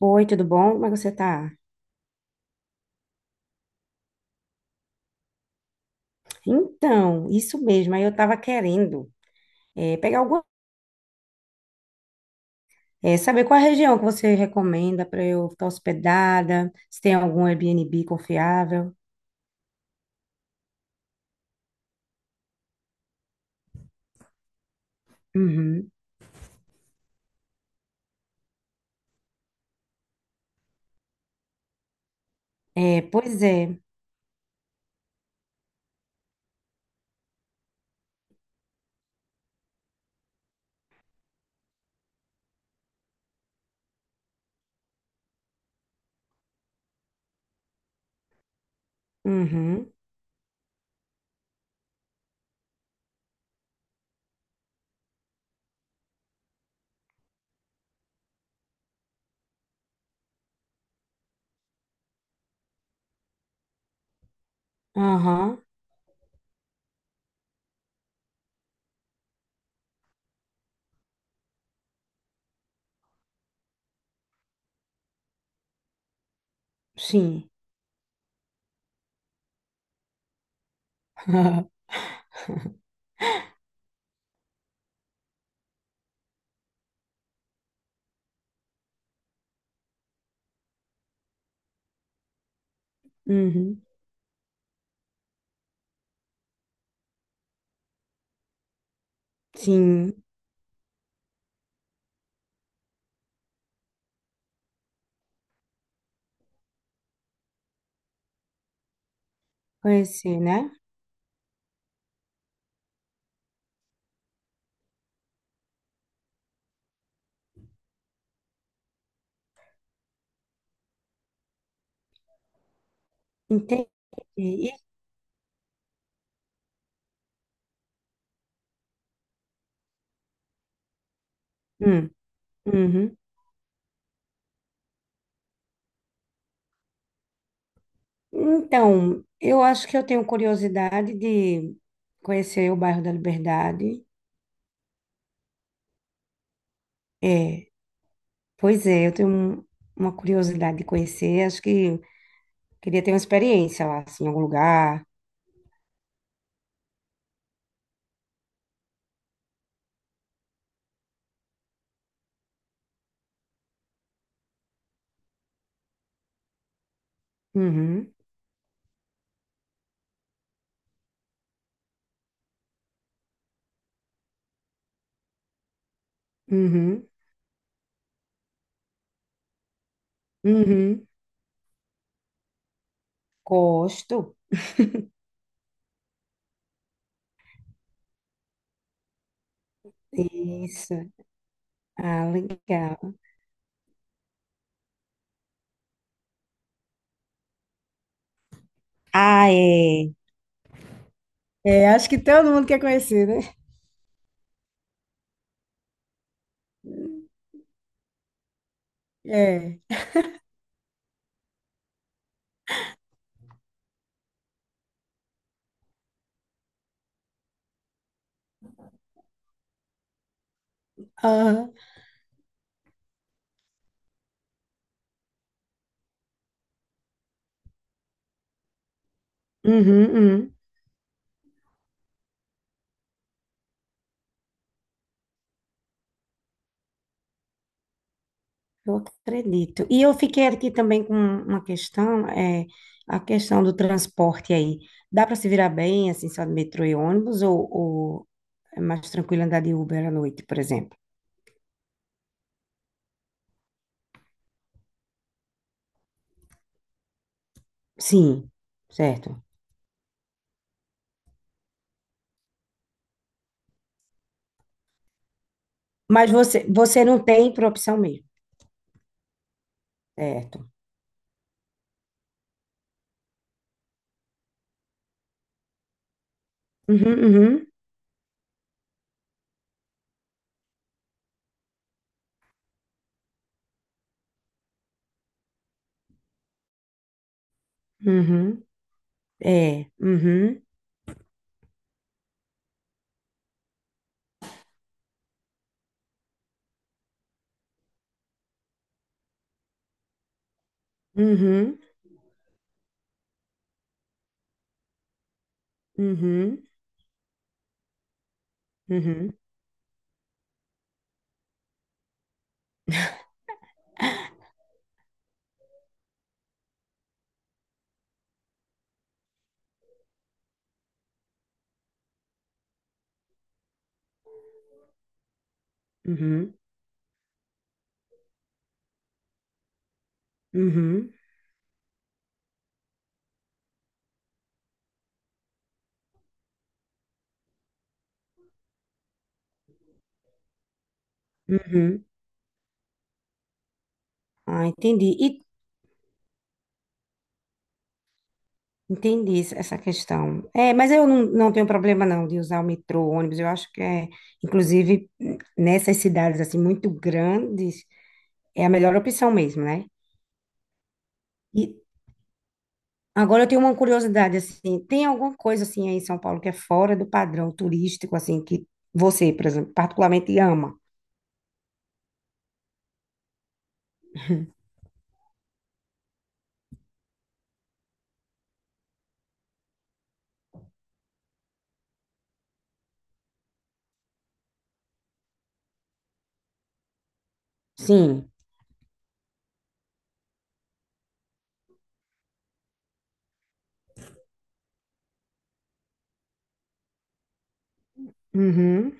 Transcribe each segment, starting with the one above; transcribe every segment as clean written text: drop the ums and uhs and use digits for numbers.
Oi, tudo bom? Como é que você tá? Então, isso mesmo. Aí eu tava querendo eh, pegar alguma, saber qual a região que você recomenda para eu ficar hospedada, se tem algum Airbnb confiável. Uhum. É, pois é. Uhum. Aham. Sim. Uhum. Sim. Conhecer, né? Entendi. E- Hum. Uhum. Então, eu acho que eu tenho curiosidade de conhecer o bairro da Liberdade. É. Pois é, eu tenho um- uma curiosidade de conhecer, acho que queria ter uma experiência lá, assim, em algum lugar. Uhum, uhum, uhum. Gosto. Isso. Ah, legal. Ah, é. É, acho que todo mundo quer conhecer, né? É. Aham. Uhum, uhum. Eu acredito. E eu fiquei aqui também com uma questão, é a questão do transporte aí. Dá para se virar bem, assim, só de metrô e ônibus, ou, é mais tranquilo andar de Uber à noite, por exemplo? Sim, certo. Mas você, você não tem por opção mesmo, certo? Uhum, uhum, uhum. É, uhum, uhum, uhum, uhum, uhum, uhum, uhum. Ah, entendi. E entendi essa questão. É, mas eu não, não tenho problema não de usar o metrô, o ônibus. Eu acho que é, inclusive, nessas cidades assim muito grandes, é a melhor opção mesmo, né? E agora eu tenho uma curiosidade assim, tem alguma coisa assim aí em São Paulo que é fora do padrão turístico assim que você, por exemplo, particularmente ama? Sim. Uhum.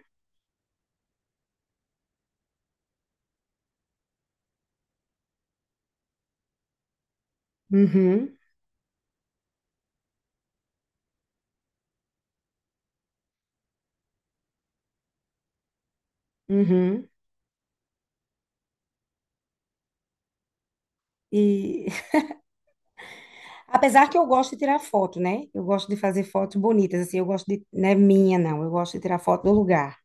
Uhum. Uhum. E apesar que eu gosto de tirar foto, né? Eu gosto de fazer fotos bonitas assim, eu gosto de, não é minha não, eu gosto de tirar foto do lugar.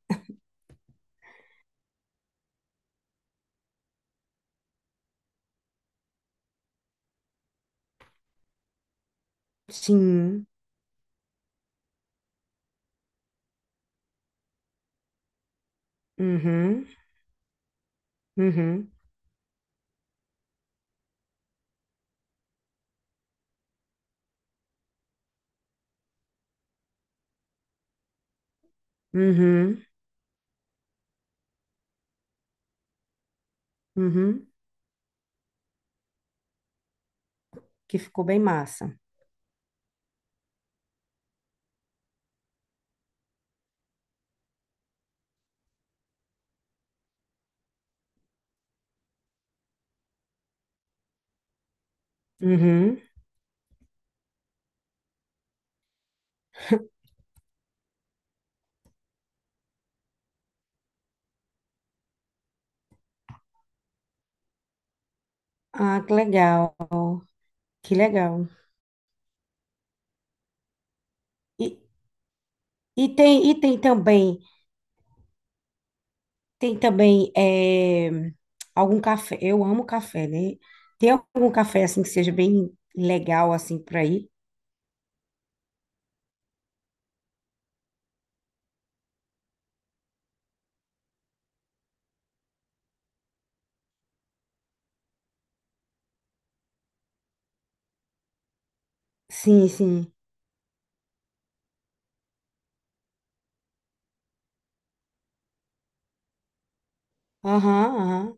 Sim. Uhum. Uhum. Uhum. Uhum. Que ficou bem massa. Uhum. Ah, que legal. Que legal. E, e tem também. Tem também algum café. Eu amo café, né? Tem algum café assim que seja bem legal assim por aí? Sim, sim. Aham, aham.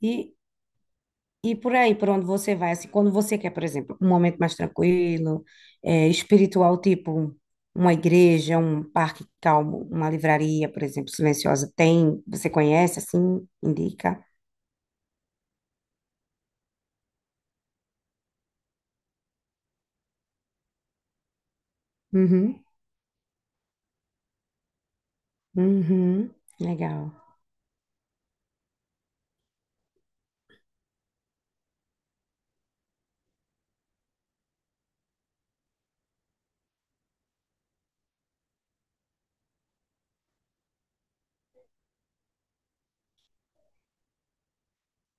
E, e por aí, por onde você vai, assim, quando você quer, por exemplo, um momento mais tranquilo, espiritual, tipo uma igreja, um parque calmo, uma livraria, por exemplo, silenciosa, tem? Você conhece, assim, indica? Uhum, uhum, legal.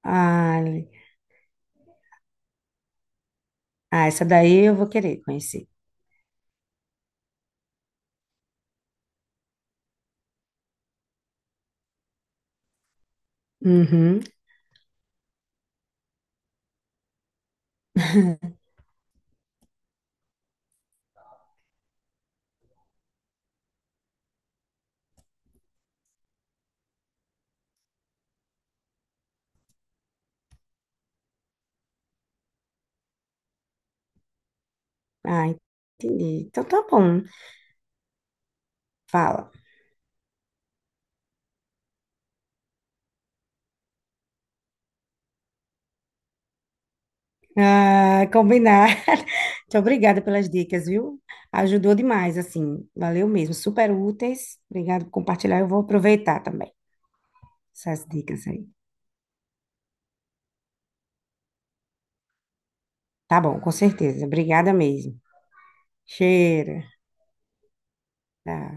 Ah, ah, essa daí eu vou querer conhecer. Uhum. Ah, entendi. Então tá bom. Fala. Ah, combinar. Muito obrigada pelas dicas, viu? Ajudou demais, assim. Valeu mesmo. Super úteis. Obrigada por compartilhar. Eu vou aproveitar também essas dicas aí. Tá bom, com certeza. Obrigada mesmo. Cheiro. Tá.